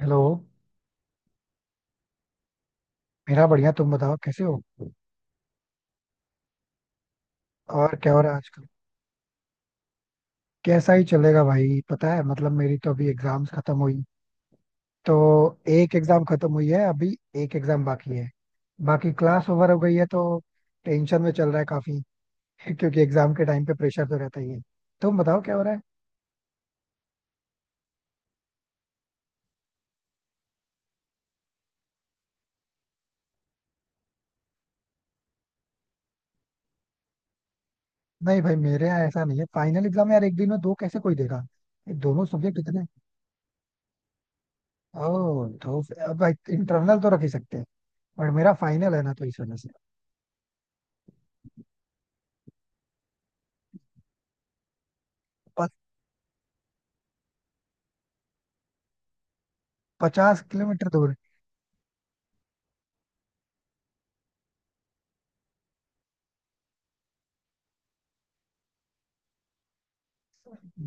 Hello. मेरा बढ़िया, तुम बताओ कैसे हो? और क्या हो रहा है आजकल? कैसा ही चलेगा भाई, पता है मतलब मेरी तो अभी एग्जाम्स खत्म हुई, तो एक एग्जाम खत्म हुई है अभी, एक एग्जाम बाकी है, बाकी क्लास ओवर हो गई है तो टेंशन में चल रहा है काफी. क्योंकि एग्जाम के टाइम पे प्रेशर तो रहता ही है. तुम बताओ क्या हो रहा है? नहीं भाई, मेरे यहाँ ऐसा नहीं है, फाइनल एग्जाम यार एक दिन में दो कैसे कोई देगा? ये दोनों सब्जेक्ट इतने, ओ तो अब इंटरनल तो रख ही सकते हैं, बट मेरा फाइनल है ना तो इस वजह से. 50 किलोमीटर दूर?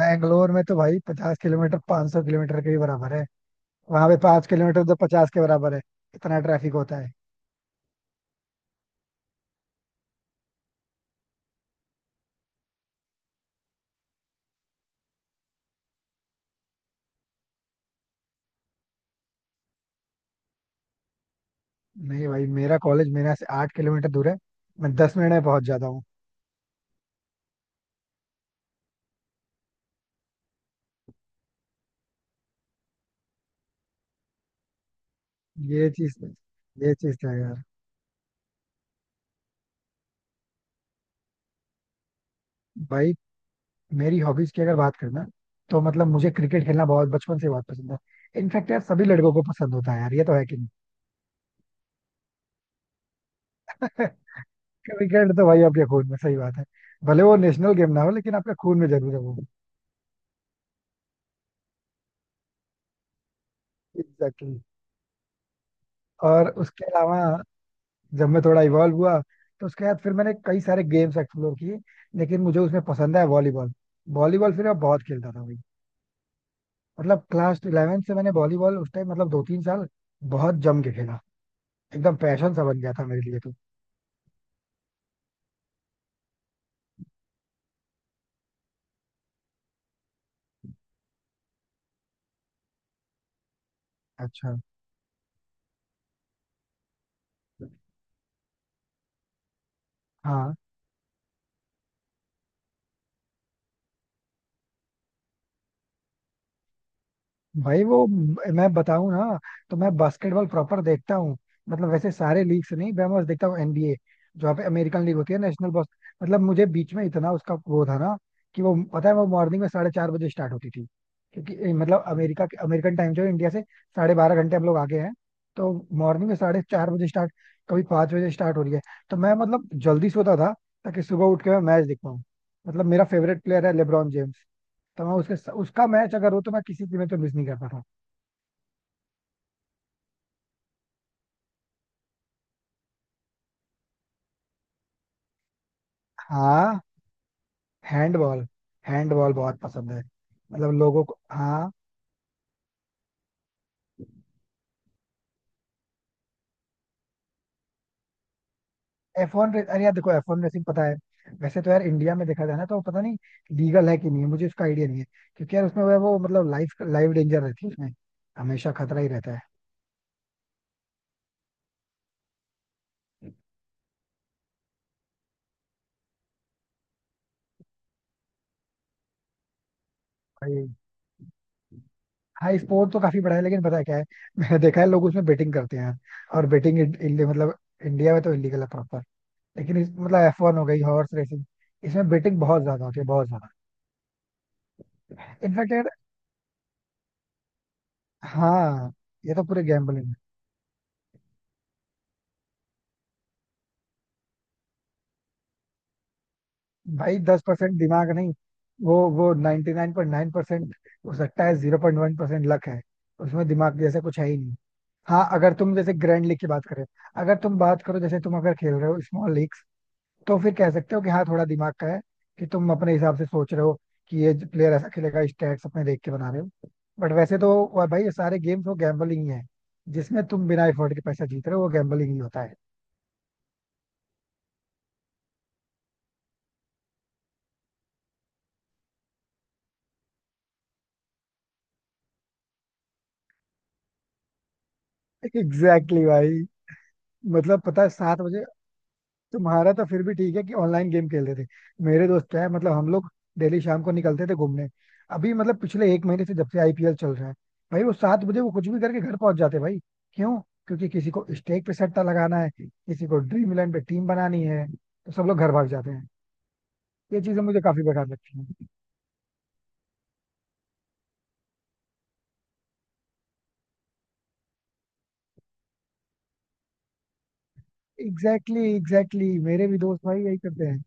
बैंगलोर में तो भाई 50 किलोमीटर 500 सौ किलोमीटर के ही बराबर है, वहां पे पाँच किलोमीटर तो पचास के बराबर है, इतना ट्रैफिक होता है. नहीं भाई, मेरा कॉलेज मेरे यहाँ से 8 किलोमीटर दूर है, मैं 10 मिनट में पहुंच जाता हूँ. ये चीज ये चीज तो है यार. भाई मेरी हॉबीज की अगर बात करना, तो मतलब मुझे क्रिकेट खेलना बहुत बचपन से बहुत पसंद है, इनफैक्ट यार सभी लड़कों को पसंद होता है यार, ये तो है कि नहीं? क्रिकेट तो भाई आपके खून में, सही बात है, भले वो नेशनल गेम ना हो लेकिन आपके खून में जरूर है वो. एग्जैक्टली. और उसके अलावा, जब मैं थोड़ा इवॉल्व हुआ तो उसके बाद फिर मैंने कई सारे गेम्स एक्सप्लोर किए, लेकिन मुझे उसमें पसंद है वॉलीबॉल. वॉलीबॉल फिर मैं बहुत खेलता था भाई, मतलब क्लास इलेवेंथ से मैंने वॉलीबॉल उस टाइम मतलब 2-3 साल बहुत जम के खेला, एकदम पैशन सा बन गया था मेरे लिए तो. अच्छा. हाँ. भाई वो, मैं बताऊं ना, तो मैं बास्केटबॉल प्रॉपर देखता हूँ, मतलब वैसे सारे लीग से नहीं, मैं बस देखता हूँ एनबीए, जो पे अमेरिकन लीग होती है, नेशनल बॉस. मतलब मुझे बीच में इतना उसका वो था ना कि वो पता है वो मॉर्निंग में 4:30 बजे स्टार्ट होती थी, क्योंकि मतलब अमेरिका के अमेरिकन टाइम जो है इंडिया से 12:30 घंटे हम लोग आगे हैं, तो मॉर्निंग में 4:30 बजे स्टार्ट, कभी 5 बजे स्टार्ट हो रही है, तो मैं मतलब जल्दी सोता था ताकि सुबह उठ के मैं मैच देख पाऊँ. मतलब मेरा फेवरेट प्लेयर है लेब्रॉन जेम्स, तो मैं उसके उसका मैच अगर हो तो मैं किसी की में तो मिस नहीं करता था. हाँ, हैंडबॉल. हैंडबॉल बहुत पसंद है, मतलब लोगों को. हाँ. एफ वन, अरे यार देखो, एफ वन रेसिंग पता है, वैसे तो यार इंडिया में देखा जाए ना तो पता नहीं लीगल है कि नहीं, मुझे उसका आइडिया नहीं है, क्योंकि यार उसमें वो मतलब लाइफ लाइफ डेंजर रहती है उसमें, हमेशा खतरा ही रहता है. भाई, हाँ, स्पोर्ट तो काफी बड़ा है लेकिन पता है क्या है, मैंने देखा है लोग उसमें बेटिंग करते हैं यार, और बेटिंग मतलब इंडिया में तो इलीगल है प्रॉपर, लेकिन इस मतलब एफ वन हो गई, हॉर्स रेसिंग, इसमें बेटिंग बहुत ज्यादा होती है, बहुत ज्यादा. इनफैक्ट यार, हाँ ये तो पूरे गैम्बलिंग है. भाई 10% दिमाग नहीं, वो 99.9%, हो सकता है 0.1% लक है, उसमें दिमाग जैसा कुछ है ही नहीं. हाँ अगर तुम जैसे ग्रैंड लीग की बात करें, अगर तुम बात करो जैसे तुम अगर खेल रहे हो स्मॉल लीग्स, तो फिर कह सकते हो कि हाँ थोड़ा दिमाग का है, कि तुम अपने हिसाब से सोच रहे हो कि ये प्लेयर ऐसा खेलेगा, स्टैट्स अपने देख के बना रहे हो, बट वैसे तो वो भाई ये सारे गेम्स वो गैम्बलिंग ही है, जिसमें तुम बिना एफर्ट के पैसा जीत रहे हो वो गैम्बलिंग ही होता है. एग्जैक्टली exactly भाई. मतलब पता है 7 बजे, तुम्हारा तो फिर भी ठीक है कि ऑनलाइन गेम खेलते थे, मेरे दोस्त है मतलब हम लोग डेली शाम को निकलते थे घूमने, अभी मतलब पिछले एक महीने से जब से आईपीएल चल रहा है, भाई वो 7 बजे वो कुछ भी करके घर पहुंच जाते भाई. क्यों? क्योंकि किसी को स्टेक पे सट्टा लगाना है, किसी को ड्रीम इलेवन पे टीम बनानी है, तो सब लोग घर भाग जाते हैं. ये चीजें मुझे काफी बेकार लगती हैं. एग्जैक्टली, मेरे भी दोस्त भाई यही करते हैं,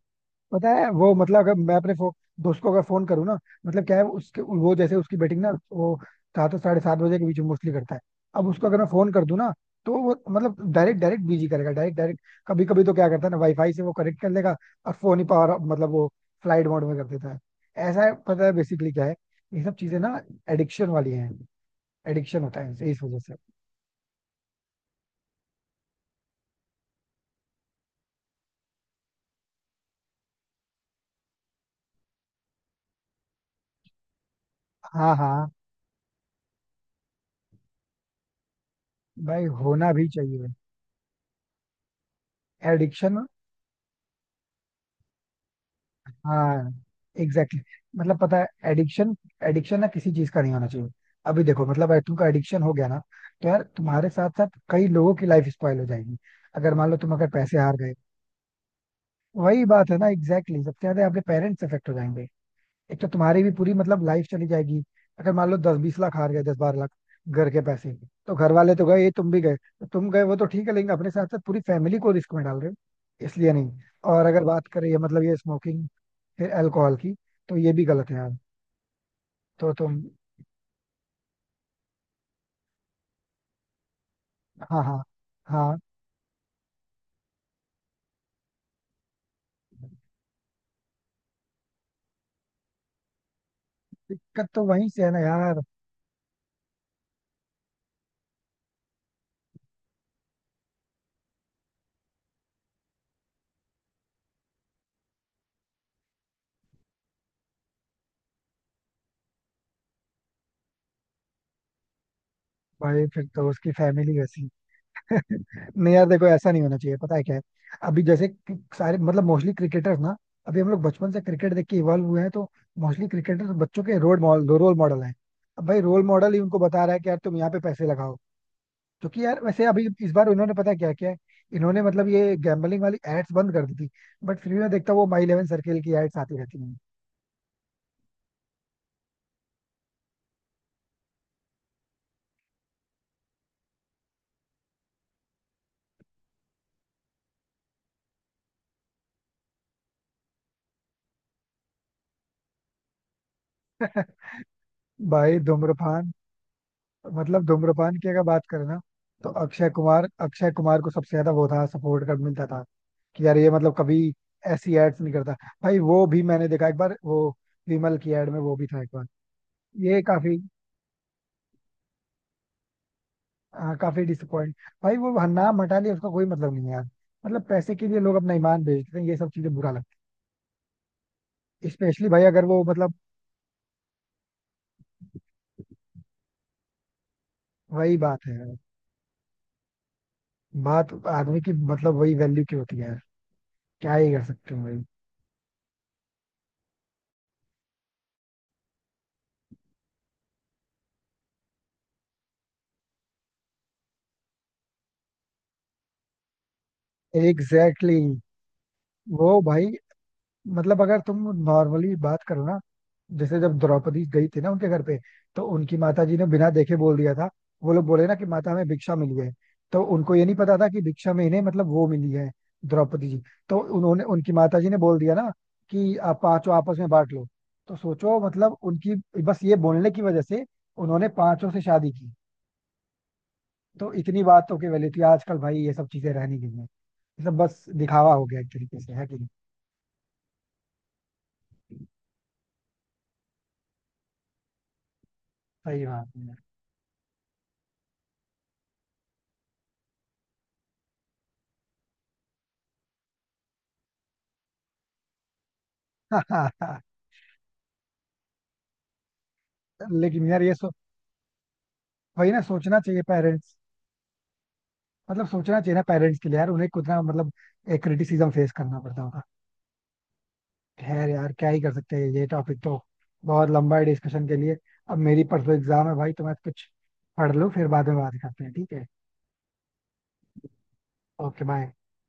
पता है वो मतलब, अगर मैं अपने दोस्त को अगर फोन करूँ ना, मतलब क्या है उसके वो जैसे उसकी बेटिंग ना वो 7 और 7:30 बजे के बीच में मोस्टली करता है, अब उसको अगर मैं फोन कर दूं ना तो वो मतलब डायरेक्ट डायरेक्ट बिजी करेगा, डायरेक्ट डायरेक्ट. कभी कभी तो क्या करता है ना, वाईफाई से वो कनेक्ट कर लेगा, और फोन ही पावर मतलब वो फ्लाइट मोड में कर देता है. ऐसा है, पता है बेसिकली क्या है, ये सब चीजें ना एडिक्शन वाली हैं, एडिक्शन होता है इनसे इस वजह से. हाँ, हाँ भाई होना भी चाहिए एडिक्शन. हाँ एग्जैक्टली exactly. मतलब पता है, एडिक्शन एडिक्शन ना किसी चीज का नहीं होना चाहिए, अभी देखो मतलब अगर तुमका एडिक्शन हो गया ना, तो यार तुम्हारे साथ साथ कई लोगों की लाइफ स्पॉइल हो जाएगी, अगर मान लो तुम अगर पैसे हार गए, वही बात है ना, एग्जैक्टली exactly. सबसे ज्यादा आपके पेरेंट्स अफेक्ट हो जाएंगे, एक तो तुम्हारी भी पूरी मतलब लाइफ चली जाएगी, अगर मान लो 10-20 लाख हार गए, 10-12 लाख, घर के पैसे, तो घर वाले तो गए, ये तुम भी गए तो तुम गए वो तो ठीक है, लेकिन अपने साथ साथ पूरी फैमिली को रिस्क में डाल रहे हो, इसलिए नहीं. और अगर बात करें ये मतलब ये स्मोकिंग, फिर अल्कोहल की, तो ये भी गलत है यार. तो तुम. हाँ, हाँ, हाँ, दिक्कत तो वहीं से है ना यार. भाई फिर तो उसकी फैमिली वैसी. नहीं यार देखो ऐसा नहीं होना चाहिए, पता है क्या है, अभी जैसे कि सारे मतलब मोस्टली क्रिकेटर्स ना, अभी हम लोग बचपन से क्रिकेट देख के इवॉल्व हुए हैं, तो मोस्टली क्रिकेटर्स बच्चों के रोल मॉडल हैं, अब भाई रोल मॉडल ही उनको बता रहा है कि यार तुम यहाँ पे पैसे लगाओ, क्योंकि यार वैसे अभी इस बार उन्होंने पता है क्या किया है, इन्होंने मतलब ये गैम्बलिंग वाली एड्स बंद कर दी थी, बट फिर भी मैं देखता हूँ वो माई इलेवन सर्किल की एड्स आती रहती हैं. भाई धूम्रपान, मतलब धूम्रपान की अगर बात करें ना, तो अक्षय कुमार को सबसे ज्यादा वो था सपोर्ट कर मिलता था कि यार ये मतलब कभी ऐसी एड्स नहीं करता. भाई वो भी मैंने देखा एक बार, वो विमल की एड में वो भी था एक बार. ये काफी, हाँ, काफी डिसअपॉइंट. भाई वो नाम हटा लिया उसका कोई मतलब नहीं है यार, मतलब पैसे के लिए लोग अपना ईमान बेच देते हैं ये सब चीजें बुरा लगता है, स्पेशली भाई अगर वो मतलब, वही बात है, बात आदमी की मतलब वही वैल्यू की होती है यार, क्या ही कर सकते हो भाई. Exactly exactly. वो भाई मतलब अगर तुम नॉर्मली बात करो ना, जैसे जब द्रौपदी गई थी ना उनके घर पे, तो उनकी माता जी ने बिना देखे बोल दिया था, वो लोग बोले ना कि माता हमें भिक्षा मिली है, तो उनको ये नहीं पता था कि भिक्षा में इन्हें मतलब वो मिली है, द्रौपदी जी, तो उन्होंने उनकी माता जी ने बोल दिया ना कि आप पांचों आपस में बांट लो, तो सोचो मतलब उनकी, बस ये बोलने की वजह से उन्होंने पांचों से शादी की, तो इतनी बात तो की वैल्यू थी, आजकल भाई ये सब चीजें रहनी गई है, ये सब बस दिखावा हो गया एक तरीके से है कि नहीं? सही बात है. लेकिन यार ये सो, वही ना सोचना चाहिए पेरेंट्स, मतलब सोचना चाहिए ना पेरेंट्स के लिए यार उन्हें कितना मतलब एक क्रिटिसिज्म फेस करना पड़ता होगा. खैर यार क्या ही कर सकते हैं, ये टॉपिक तो बहुत लंबा है डिस्कशन के लिए. अब मेरी परसों एग्जाम है भाई, तो मैं कुछ पढ़ लूँ फिर बाद में बात करते हैं, ठीक है, ओके बाय.